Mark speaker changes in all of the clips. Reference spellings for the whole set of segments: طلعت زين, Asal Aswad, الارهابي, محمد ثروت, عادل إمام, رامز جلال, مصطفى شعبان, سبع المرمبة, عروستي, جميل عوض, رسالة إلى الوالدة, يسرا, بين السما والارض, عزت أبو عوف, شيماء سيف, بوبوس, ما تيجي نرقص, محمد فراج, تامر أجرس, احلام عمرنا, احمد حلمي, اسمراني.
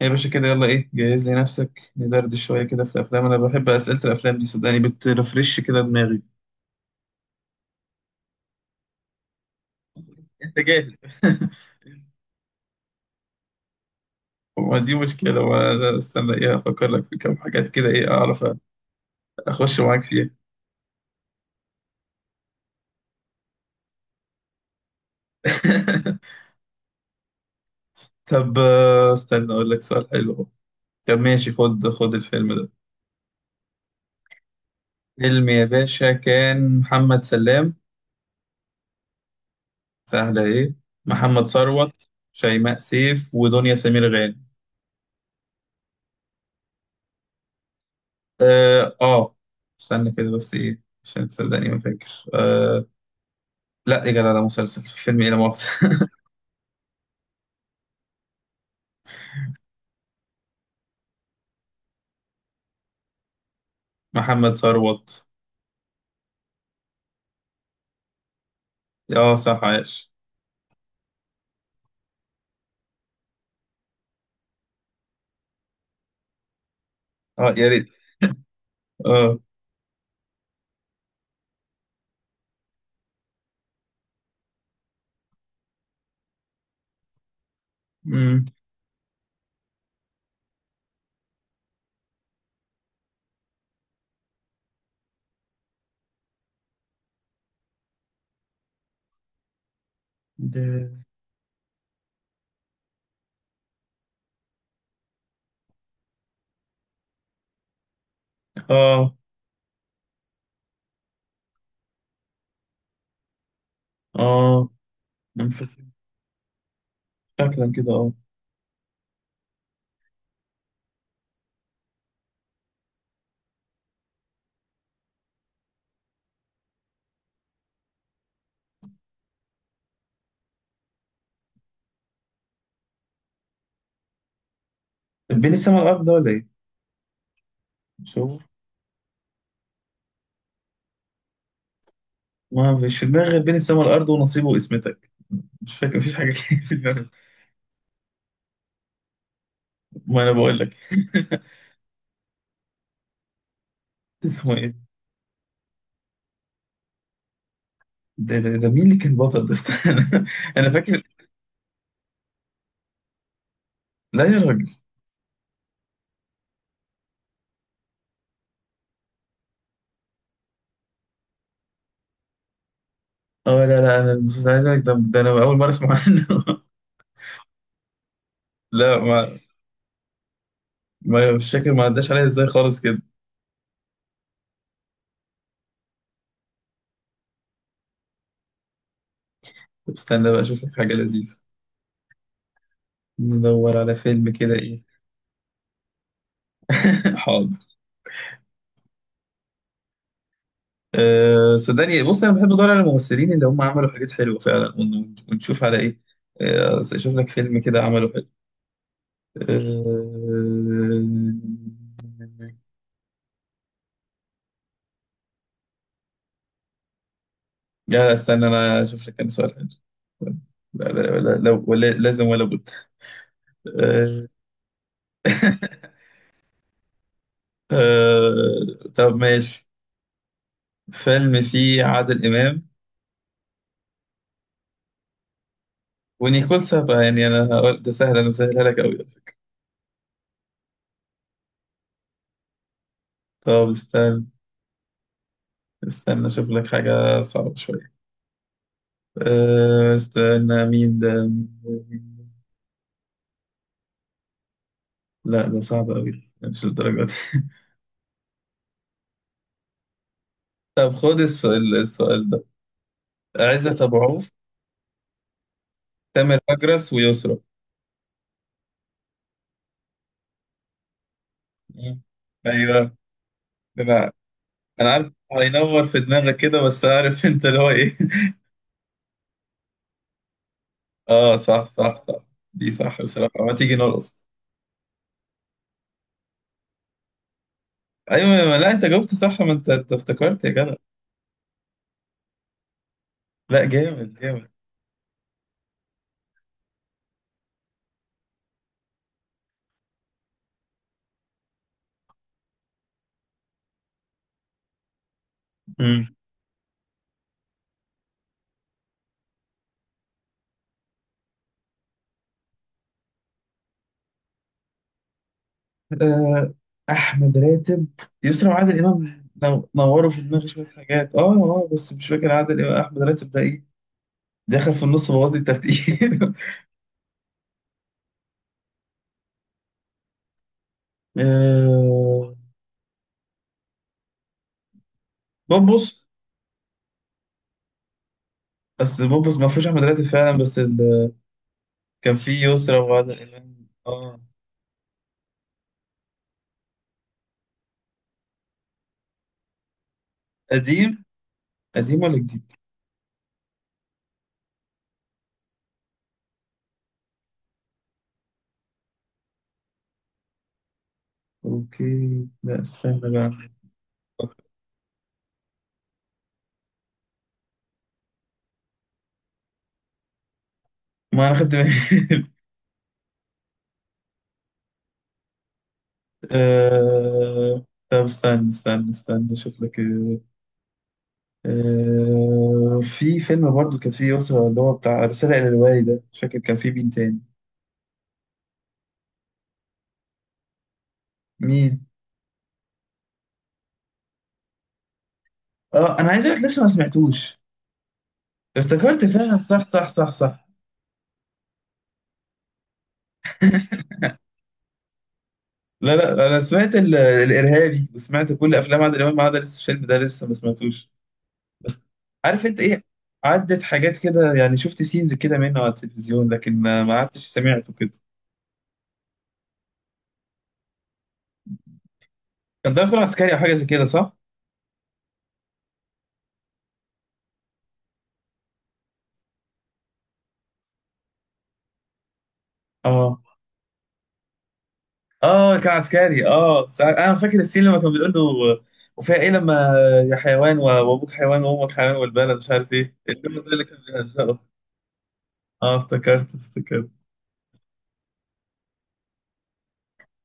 Speaker 1: يا باشا كده، يلا ايه، جهز لي نفسك ندردش شوية كده في الأفلام. أنا بحب أسئلة الأفلام دي، صدقني بترفرش كده دماغي. أنت جاهز؟ وما دي مشكلة، وأنا استنى ايه؟ أفكر لك في كام حاجات كده ايه أعرف أخش معاك فيها. طب استنى أقول لك سؤال حلو أهو. طب ماشي، خد الفيلم ده. فيلم يا باشا كان محمد سلام. سهلة ايه. محمد ثروت، شيماء سيف، ودنيا سمير غانم. اه استنى كده بس ايه عشان تصدقني ما فاكر لا يا جدع، ده مسلسل، فيلم ايه، لا مؤاخذة. محمد ثروت. اه صح، عايش. اه يا ريت. اه. امم ده- اه اه. أنا مش فاكر. شكلا كده اه. طب بين السما والارض ده ولا ايه؟ مش هو. ما فيش في دماغي غير بين السما والارض ونصيبه واسمتك. مش فاكر، مفيش حاجه كده في دماغي. ما انا بقول لك. اسمه ايه؟ ده مين اللي كان بطل ده؟ استنى انا فاكر. لا يا راجل. اه لا لا، انا مش عايز اقولك. ده انا اول مره اسمع عنه. لا ما ما مش فاكر، ما عداش عليا ازاي خالص كده. طب استنى بقى اشوف لك حاجه لذيذه، ندور على فيلم كده ايه. حاضر. أه صدقني، بص انا بحب ادور على الممثلين اللي هم عملوا حاجات حلوه فعلا ونشوف على ايه. اشوف لك فيلم كده عمله حلو. أه... لا استنى انا اشوف لك انا سؤال حلو. لا لا لا، لا ولا لازم ولا بد. أه... طب ماشي. فيلم فيه عادل إمام ونيكول سابا. يعني أنا هقول ده سهل، أنا مسهلها لك أوي على فكرة. طب استنى أشوف لك حاجة صعبة شوية. استنى مين ده. لا ده صعب أوي، مش للدرجة دي. طب خد السؤال ده. عزت أبو عوف، تامر أجرس، ويسرا. مم. أيوه. أنا أنا عارف، هينور في دماغك كده، بس عارف أنت اللي هو إيه. آه صح صح صح. دي صح بصراحة، ما تيجي نرقص. ايوه، لا انت جاوبت صح، ما انت أنت افتكرت يا جدع. لا جامد جامد. مم. آه، احمد راتب، يسرا وعادل امام نوروا في دماغي شويه حاجات اه اه، بس مش فاكر عادل امام احمد راتب ده ايه. دخل في النص بوظ لي الترتيب. آه، بوبوس. بس بوبوس ما فيهوش احمد راتب فعلا، بس ال... كان فيه يسرا وعادل امام اه. قديم، قديم ولا جديد؟ اوكي لا استنى بقى. ما انا خدت بالي. طب استنى اشوف لك. في فيلم برضو كان فيه يسرا اللي هو بتاع رسالة إلى الوالدة، مش فاكر كان فيه مين تاني. مين. اه انا عايز اقول لك لسه ما سمعتوش. افتكرت فعلا صح صح صح صح. لا لا انا سمعت الارهابي وسمعت كل افلام عادل امام ما عدا لسه الفيلم ده لسه ما سمعتوش. بس عارف انت ايه، عدت حاجات كده يعني، شفت سينز كده منه على التلفزيون، لكن ما ما عدتش سمعته كده. كان ده فيلم عسكري او حاجه زي كده صح؟ اه اه كان عسكري اه. انا فاكر السين لما كان بيقول له وفيها ايه لما، يا حيوان وابوك حيوان وامك حيوان والبلد مش عارف ايه، الجمله دي اللي كان بيهزقه. اه افتكرت افتكرت.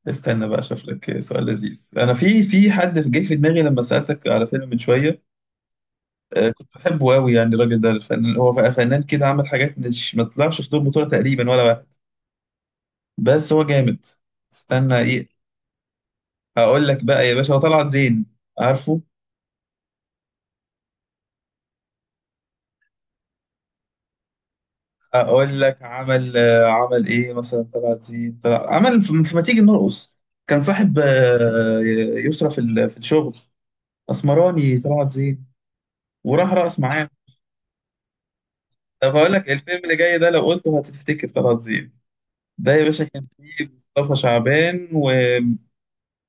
Speaker 1: استنى بقى اشوف لك سؤال لذيذ. انا في حد جه في دماغي لما سالتك على فيلم من شويه. آه كنت بحبه قوي يعني، الراجل ده الفنان، هو فنان كده، عمل حاجات مش ما طلعش في دور بطوله تقريبا ولا واحد، بس هو جامد. استنى ايه. هقول لك بقى يا باشا، هو طلعت زين، عارفه. اقول لك عمل عمل ايه مثلا طلعت زين، طلع عمل في ما تيجي نرقص. كان صاحب يسرى في الشغل، اسمراني طلعت زين، وراح رقص معاه. طب هقول لك الفيلم اللي جاي ده، لو قلته هتفتكر طلعت زين. ده يا باشا كان فيه مصطفى شعبان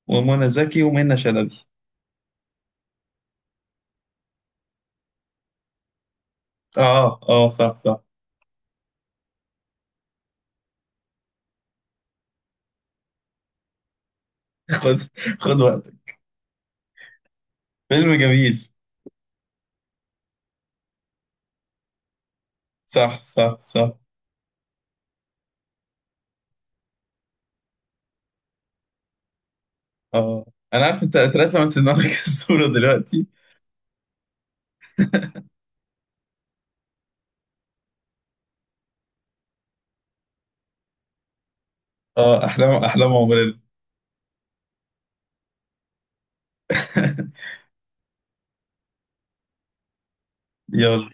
Speaker 1: ومنى زكي ومنى شلبي. اه اه صح صح. خد، خد وقتك. فيلم جميل. صح صح صح. اه انا عارف انت اترسمت في دماغك الصورة دلوقتي. اه احلام، احلام عمرنا. يلا.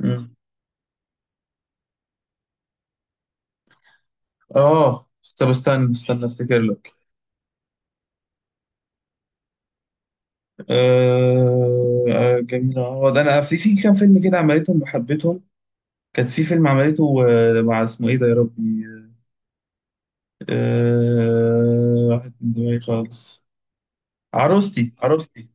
Speaker 1: مم. اه طب استنى افتكر لك. جميل عوض، انا في كام فيلم كده عملتهم وحبيتهم. كان في فيلم عملته مع اسمه ايه ده يا ربي، واحد من دماغي خالص، عروستي عروستي.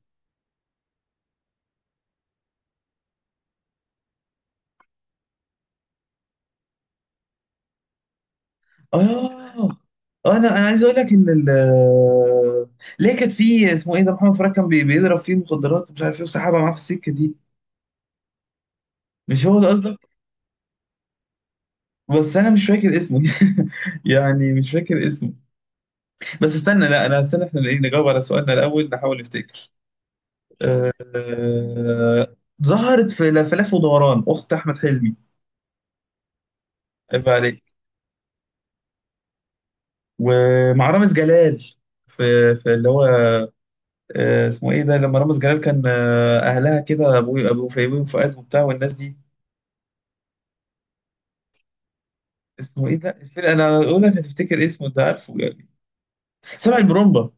Speaker 1: اه انا عايز اقول لك ان ال ليه كانت في اسمه ايه ده، محمد فراج كان بيضرب فيه مخدرات ومش عارف ايه، وسحبها معاه في السكه دي. مش هو ده قصدك؟ بس انا مش فاكر اسمه. يعني مش فاكر اسمه، بس استنى لا انا استنى احنا ايه نجاوب على سؤالنا الاول نحاول نفتكر. آه، آه، ظهرت في لفلف ودوران اخت احمد حلمي. عيب عليك. ومع رامز جلال في اللي هو اسمه ايه ده، لما رامز جلال كان اهلها كده، ابو فيبي وفؤاد وبتاع والناس دي. اسمه ايه ده الفيلم، انا اقول لك هتفتكر اسمه، انت عارفه يعني. سبع المرمبة.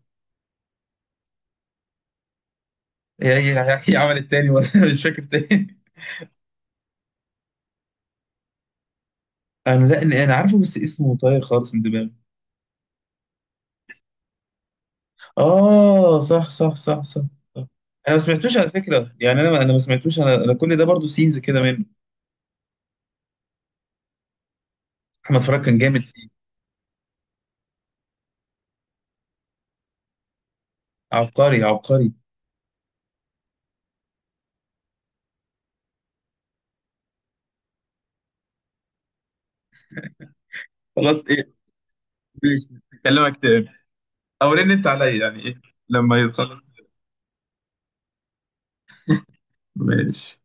Speaker 1: هي عملت تاني ولا مش فاكر تاني. انا لا انا عارفه، بس اسمه طاير خالص من دماغي. آه صح صح صح صح، صح. أنا ما سمعتوش على فكرة يعني، أنا ما سمعتوش، أنا كل ده برضو سينز كده منه. أحمد فراج كان جامد فيه، عبقري عبقري. خلاص ايه، ماشي، هكلمك تاني او رن انت عليا يعني ايه لما يتخلص. ماشي